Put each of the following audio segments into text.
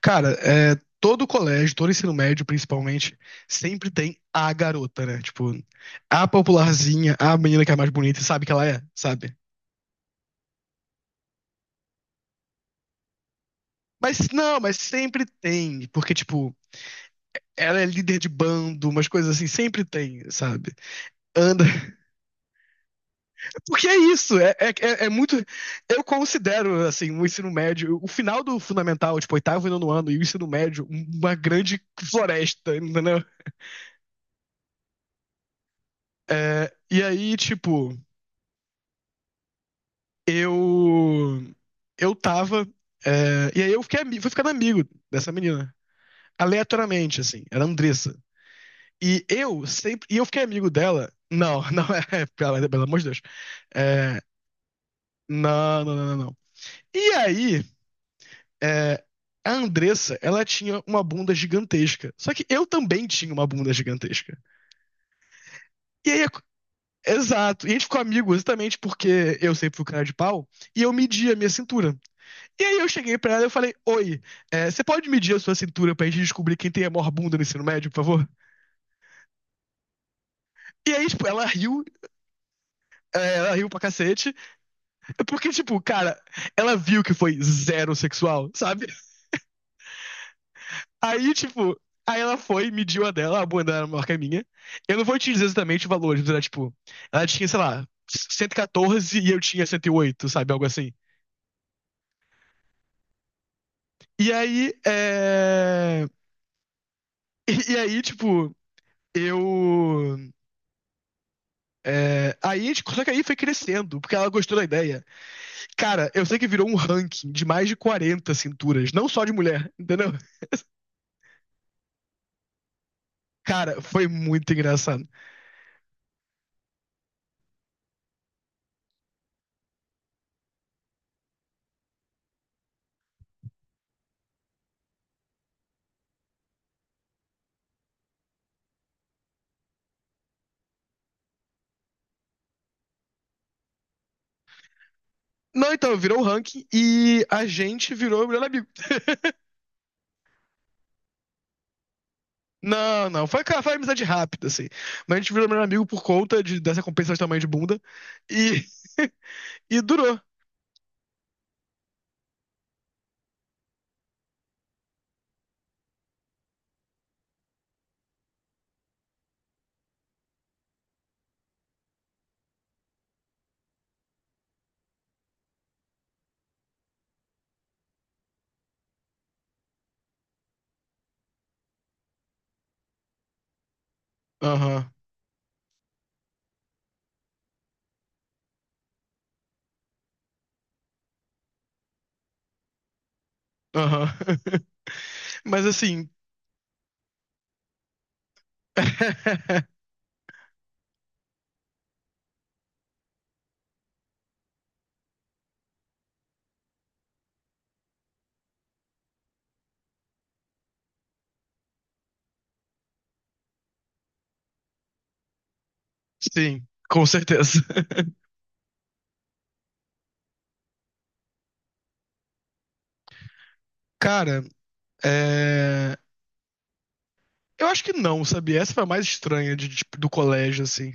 Cara, todo colégio, todo ensino médio, principalmente, sempre tem a garota, né? Tipo, a popularzinha, a menina que é mais bonita, e sabe que ela é, sabe? Mas não, mas sempre tem, porque, tipo, ela é líder de bando, umas coisas assim, sempre tem, sabe? Anda. Porque é isso, é muito. Eu considero, assim, o ensino médio, o final do fundamental, tipo, oitavo e nono ano, e o ensino médio, uma grande floresta, entendeu? É, e aí, tipo. Eu. Eu tava. E aí eu fiquei, fui ficando amigo dessa menina. Aleatoriamente, assim. Era a Andressa. E eu sempre. E eu fiquei amigo dela. Não, não é. Pelo amor de Deus. É, não, não, não, não, não. E aí. é, a Andressa, ela tinha uma bunda gigantesca. Só que eu também tinha uma bunda gigantesca. E aí. Exato. E a gente ficou amigo exatamente porque eu sempre fui o cara de pau. E eu media a minha cintura. E aí eu cheguei pra ela e eu falei, oi, você pode medir a sua cintura pra gente descobrir quem tem a maior bunda no ensino médio, por favor? E aí, tipo, ela riu, ela riu pra cacete, porque, tipo, cara, ela viu que foi zero sexual, sabe? Aí, tipo, aí ela foi, mediu a dela, a bunda era maior que a minha. Eu não vou te dizer exatamente o valor, mas era, tipo, ela tinha, sei lá, 114 e eu tinha 108 sabe? Algo assim. E aí, é... e aí, tipo, eu... É, aí, só que aí foi crescendo, porque ela gostou da ideia. Cara, eu sei que virou um ranking de mais de 40 cinturas, não só de mulher, entendeu? Cara, foi muito engraçado. Não, então, virou um ranking e a gente virou melhor amigo. Não, não, foi, cara, foi amizade rápida, assim. Mas a gente virou melhor amigo por conta dessa compensação de tamanho de bunda e, e durou. Aham, aham. Mas assim, sim, com certeza. Cara, é. Eu acho que não, sabia? Essa foi a mais estranha do colégio, assim.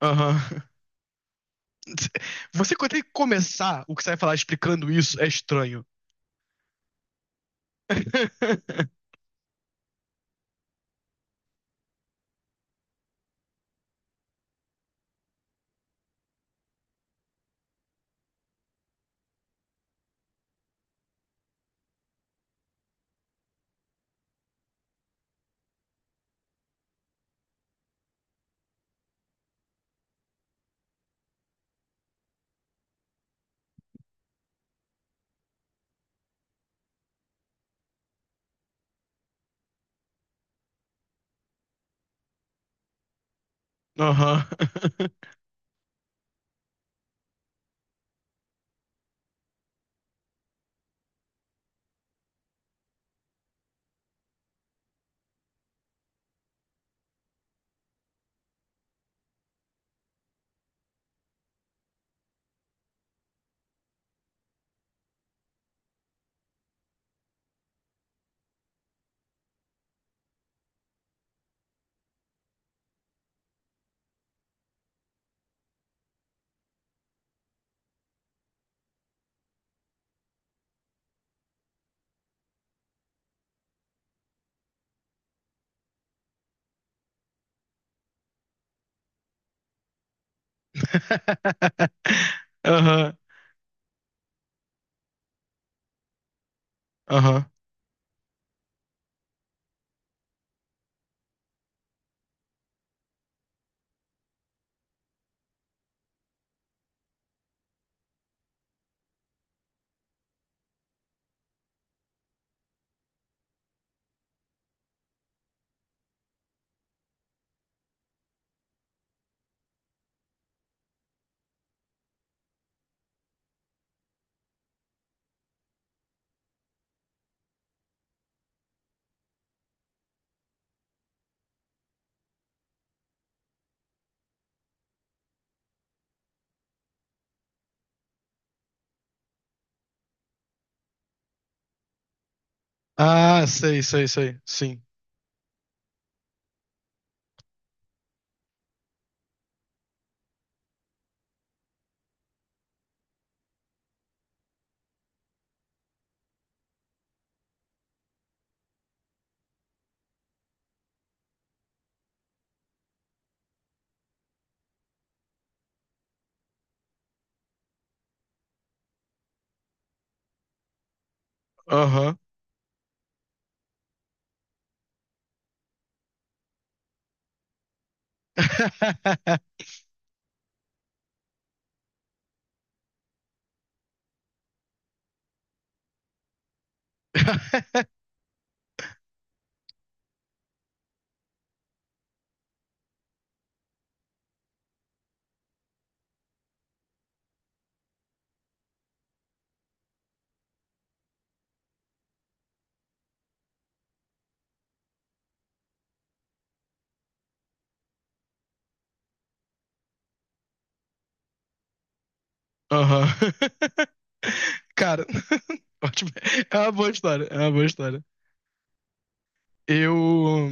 Aham. Você quando tem que começar o que você vai falar explicando isso é estranho. Aham. Aham. Aham. Ah, sei, sei, sei. Sim. Aham. Aham. Cara, ótimo. É uma boa história. É uma boa história. Eu.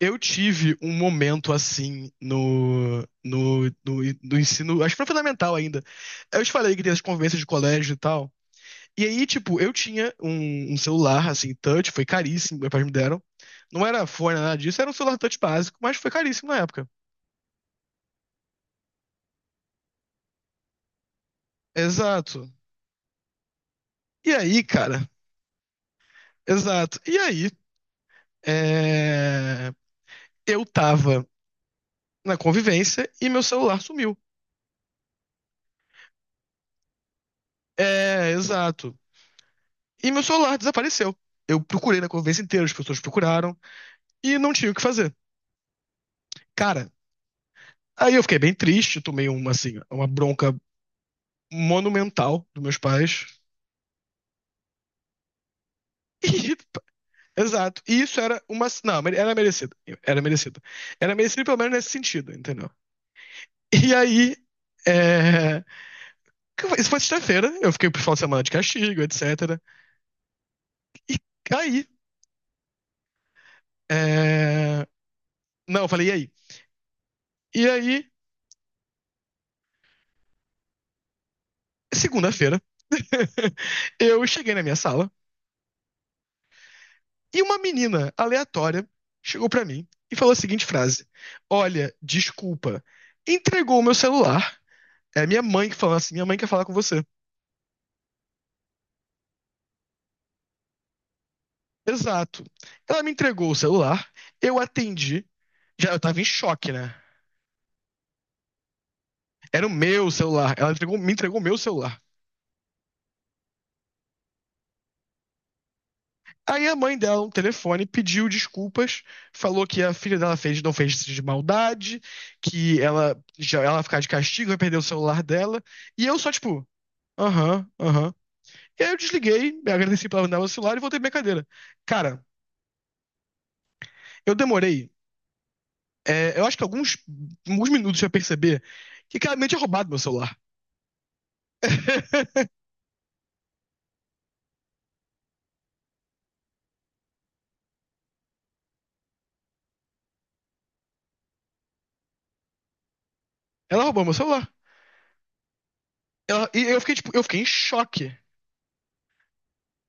Eu tive um momento assim no ensino, acho que foi fundamental ainda. Eu te falei que tem as convivências de colégio e tal. E aí, tipo, eu tinha um celular, assim, touch, foi caríssimo, meus pais me deram. Não era fone, nada disso, era um celular touch básico, mas foi caríssimo na época. Exato. E aí, cara, exato. E aí, é, eu tava na convivência e meu celular sumiu. É, exato. E meu celular desapareceu. Eu procurei na convivência inteira, as pessoas procuraram e não tinha o que fazer. Cara, aí eu fiquei bem triste, tomei uma assim, uma bronca monumental dos meus pais. E, exato. E isso era uma, não, era merecido. Era merecido. Era merecido pelo menos nesse sentido, entendeu? E aí é, isso foi sexta-feira, eu fiquei pro final de semana de castigo, etc. E aí, é, não, eu falei e aí. E aí, segunda-feira, eu cheguei na minha sala e uma menina aleatória chegou pra mim e falou a seguinte frase: Olha, desculpa, entregou o meu celular. É minha mãe que falou assim: Minha mãe quer falar com você. Exato. Ela me entregou o celular, eu atendi. Já eu tava em choque, né? Era o meu celular. Me entregou o meu celular. Aí a mãe dela, no telefone, pediu desculpas, falou que a filha dela fez, não fez isso de maldade, que ela já ela vai ficar de castigo, vai perder o celular dela. E eu só, tipo, aham, aham. E aí eu desliguei, me agradeci pela janela do celular e voltei pra minha cadeira. Cara, eu demorei, eu acho que alguns minutos pra perceber que claramente tinha roubado meu celular. Ela roubou meu celular. E eu fiquei, tipo, eu fiquei em choque,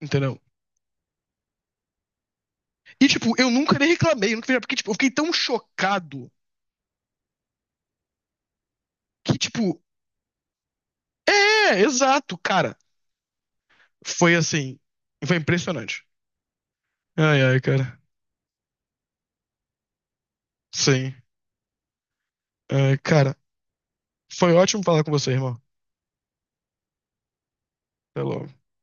entendeu? E, tipo, eu nunca nem reclamei, eu nunca fiz, nada, porque, tipo, eu fiquei tão chocado que, tipo, exato, cara. Foi assim, foi impressionante. Ai, ai, cara. Sim. Ai, cara, foi ótimo falar com você, irmão. Até logo.